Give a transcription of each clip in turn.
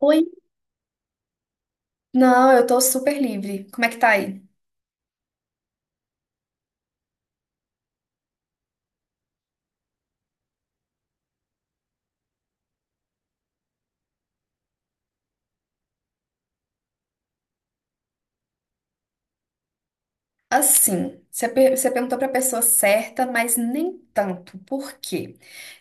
Oi? Não, eu tô super livre. Como é que tá aí? Assim, você perguntou pra pessoa certa, mas nem tanto. Por quê?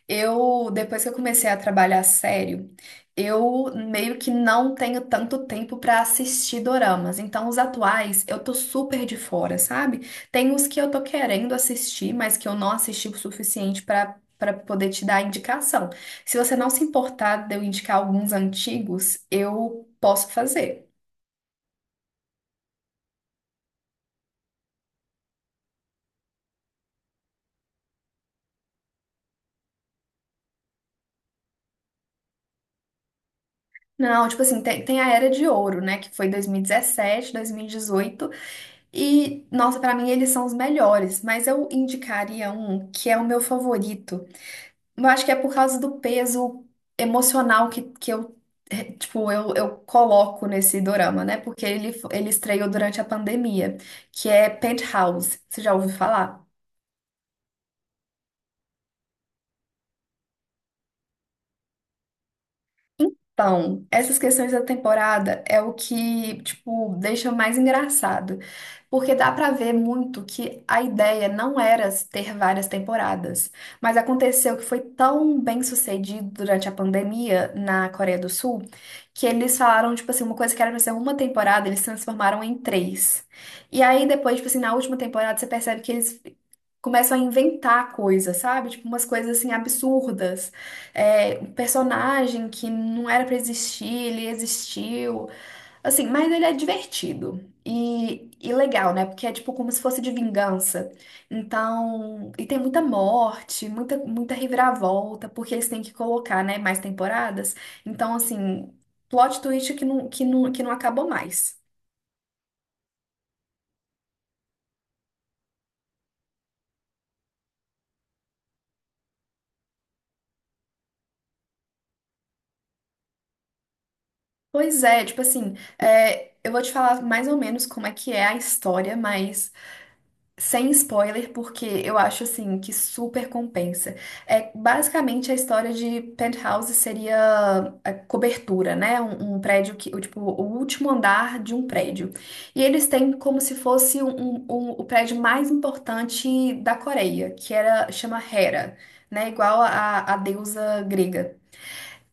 Depois que eu comecei a trabalhar sério, eu meio que não tenho tanto tempo pra assistir doramas. Então, os atuais, eu tô super de fora, sabe? Tem os que eu tô querendo assistir, mas que eu não assisti o suficiente pra para poder te dar indicação. Se você não se importar de eu indicar alguns antigos, eu posso fazer. Não, tipo assim, tem a Era de Ouro, né? Que foi 2017, 2018. E, 17, 2018. E, nossa, pra mim eles são os melhores. Mas eu indicaria um que é o meu favorito. Eu acho que é por causa do peso emocional que tipo, eu coloco nesse dorama, né? Porque ele estreou durante a pandemia, que é Penthouse. Você já ouviu falar? Então, essas questões da temporada é o que, tipo, deixa mais engraçado, porque dá pra ver muito que a ideia não era ter várias temporadas, mas aconteceu que foi tão bem sucedido durante a pandemia na Coreia do Sul, que eles falaram, tipo assim, uma coisa que era pra ser uma temporada, eles transformaram em três. E aí depois, tipo assim, na última temporada você percebe que eles começam a inventar coisas, sabe? Tipo, umas coisas assim absurdas. É, um personagem que não era pra existir, ele existiu. Assim, mas ele é divertido. E legal, né? Porque é tipo como se fosse de vingança. Então, e tem muita morte, muita, muita reviravolta, porque eles têm que colocar, né, mais temporadas. Então, assim, plot twist que não, que não, que não acabou mais. Pois é, tipo assim, é, eu vou te falar mais ou menos como é que é a história, mas sem spoiler, porque eu acho assim que super compensa. É basicamente a história de penthouse seria a cobertura, né? Um prédio que, tipo, o último andar de um prédio. E eles têm como se fosse o prédio mais importante da Coreia, que era chama Hera, né? Igual a deusa grega.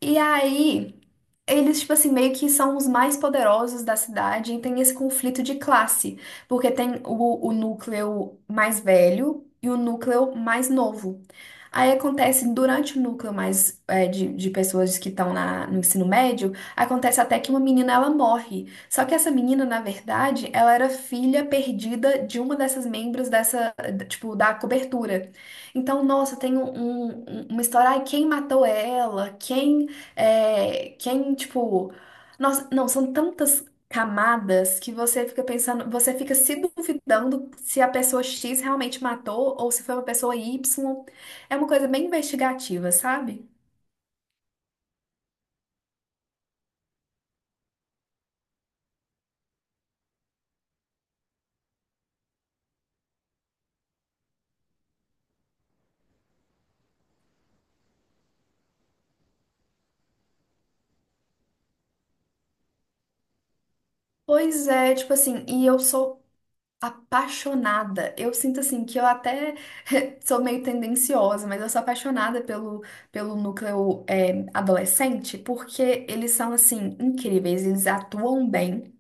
E aí eles, tipo assim, meio que são os mais poderosos da cidade e tem esse conflito de classe, porque tem o núcleo mais velho e o núcleo mais novo. Aí acontece, durante o núcleo mais de pessoas que estão no ensino médio, acontece até que uma menina ela morre. Só que essa menina, na verdade, ela era filha perdida de uma dessas membros dessa, tipo, da cobertura. Então, nossa, tem uma história, ai, quem matou ela? Quem, tipo. Nossa, não, são tantas camadas que você fica pensando, você fica se duvidando se a pessoa X realmente matou ou se foi uma pessoa Y. É uma coisa bem investigativa, sabe? Pois é, tipo assim, e eu sou apaixonada. Eu sinto assim que eu até sou meio tendenciosa, mas eu sou apaixonada pelo núcleo adolescente, porque eles são assim incríveis, eles atuam bem.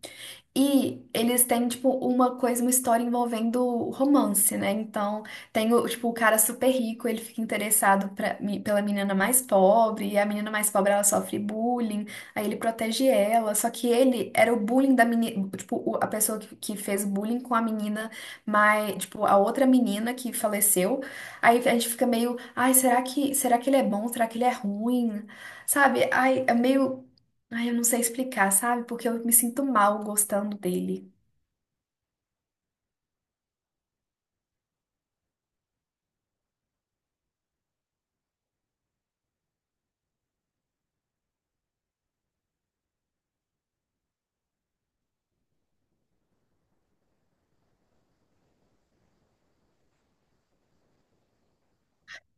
E eles têm, tipo, uma coisa, uma história envolvendo romance, né? Então, tem, tipo, o cara super rico, ele fica interessado pela menina mais pobre, e a menina mais pobre, ela sofre bullying, aí ele protege ela, só que ele era o bullying da menina, tipo, a pessoa que fez bullying com a menina mais, tipo, a outra menina que faleceu. Aí a gente fica meio, ai, será que ele é bom? Será que ele é ruim? Sabe? Ai, é meio. Ai, eu não sei explicar, sabe? Porque eu me sinto mal gostando dele.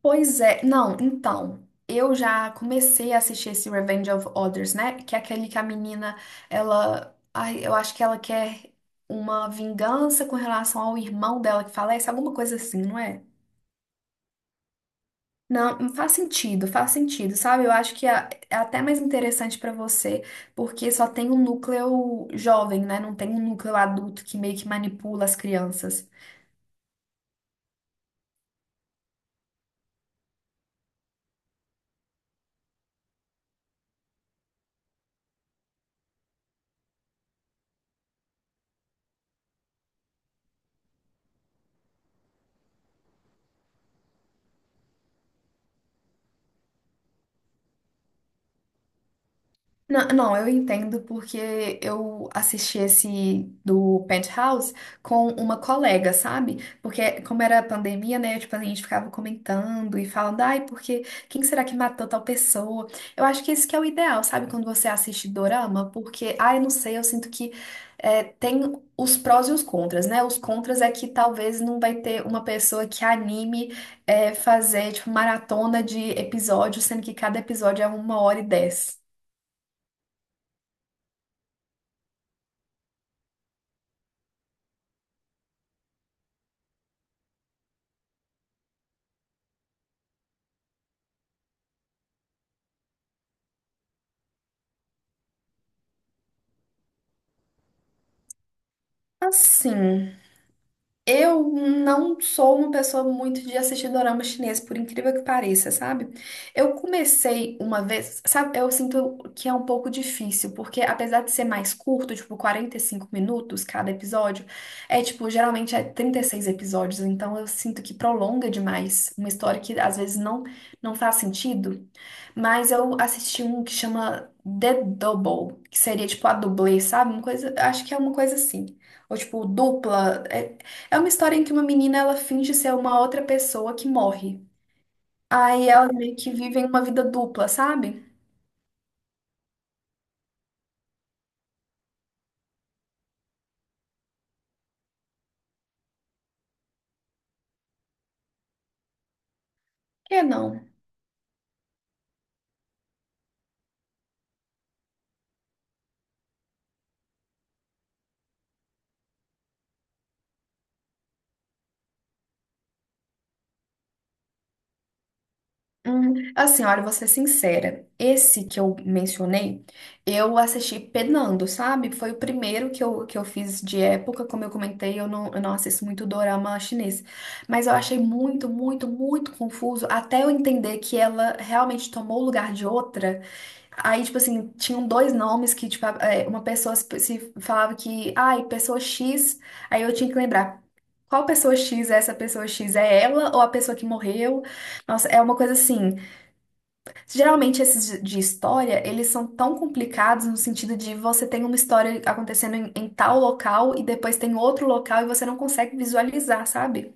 Pois é, não, então, eu já comecei a assistir esse Revenge of Others, né? Que é aquele que a menina, ela, ai, eu acho que ela quer uma vingança com relação ao irmão dela que falece, alguma coisa assim, não é? Não, faz sentido, sabe? Eu acho que é até mais interessante pra você, porque só tem um núcleo jovem, né? Não tem um núcleo adulto que meio que manipula as crianças. Não, não, eu entendo porque eu assisti esse do Penthouse com uma colega, sabe? Porque como era a pandemia, né? Tipo, a gente ficava comentando e falando, ai, porque quem será que matou tal pessoa? Eu acho que esse que é o ideal, sabe? Quando você assiste dorama, porque, ai, não sei, eu sinto que tem os prós e os contras, né? Os contras é que talvez não vai ter uma pessoa que anime fazer, tipo, maratona de episódios, sendo que cada episódio é uma hora e dez. Assim, eu não sou uma pessoa muito de assistir dorama chinês, por incrível que pareça, sabe? Eu comecei uma vez, sabe? Eu sinto que é um pouco difícil, porque apesar de ser mais curto, tipo 45 minutos cada episódio, é tipo, geralmente é 36 episódios, então eu sinto que prolonga demais uma história que às vezes não faz sentido. Mas eu assisti um que chama The Double, que seria tipo a dublê, sabe? Uma coisa, acho que é uma coisa assim. Ou tipo, dupla. É uma história em que uma menina ela finge ser uma outra pessoa que morre. Aí elas meio que vivem uma vida dupla, sabe? Que não. Assim, olha, vou ser sincera. Esse que eu mencionei, eu assisti penando, sabe? Foi o primeiro que eu fiz de época. Como eu comentei, eu não assisto muito dorama chinês. Mas eu achei muito, muito, muito confuso até eu entender que ela realmente tomou o lugar de outra. Aí, tipo assim, tinham dois nomes que, tipo, uma pessoa se falava que, ai, pessoa X, aí eu tinha que lembrar. Qual pessoa X é essa pessoa X? É ela ou a pessoa que morreu? Nossa, é uma coisa assim. Geralmente esses de história, eles são tão complicados no sentido de você tem uma história acontecendo em tal local e depois tem outro local e você não consegue visualizar, sabe?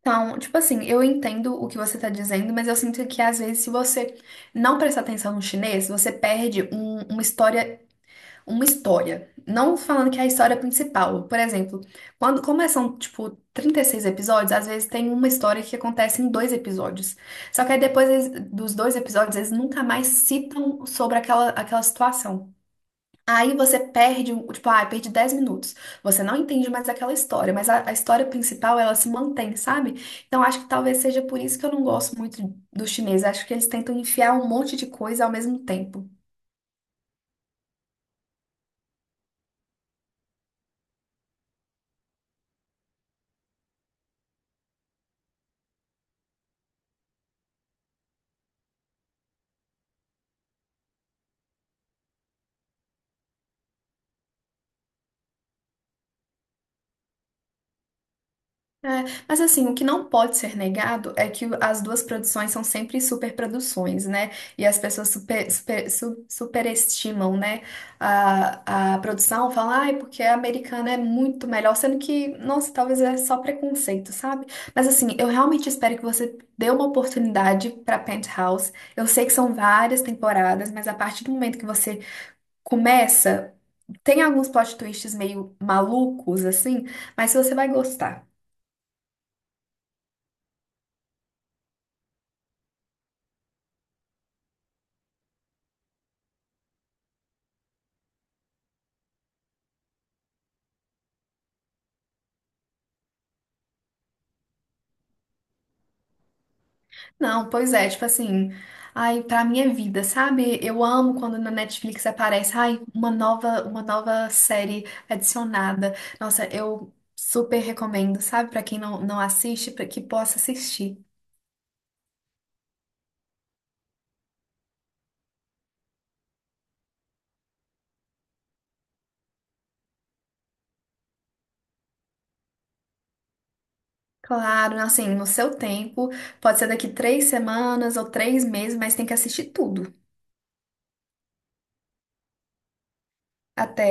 Então, tipo assim, eu entendo o que você tá dizendo, mas eu sinto que às vezes, se você não prestar atenção no chinês, você perde uma história, uma história. Não falando que é a história principal. Por exemplo, quando começam, tipo, 36 episódios, às vezes tem uma história que acontece em dois episódios. Só que aí depois dos dois episódios, eles nunca mais citam sobre aquela situação. Aí você perde, tipo, perdi 10 minutos. Você não entende mais aquela história, mas a história principal, ela se mantém, sabe? Então acho que talvez seja por isso que eu não gosto muito do chinês. Acho que eles tentam enfiar um monte de coisa ao mesmo tempo. É, mas assim, o que não pode ser negado é que as duas produções são sempre superproduções, né? E as pessoas superestimam, né? A produção, falam, ai, porque a americana é muito melhor, sendo que, nossa, talvez é só preconceito, sabe? Mas assim, eu realmente espero que você dê uma oportunidade para Penthouse. Eu sei que são várias temporadas, mas a partir do momento que você começa, tem alguns plot twists meio malucos, assim, mas você vai gostar. Não, pois é, tipo assim, ai, pra minha vida, sabe? Eu amo quando na Netflix aparece, ai, uma nova série adicionada. Nossa, eu super recomendo, sabe? Pra quem não assiste, pra que possa assistir. Claro, assim, no seu tempo, pode ser daqui 3 semanas ou 3 meses, mas tem que assistir tudo. Até.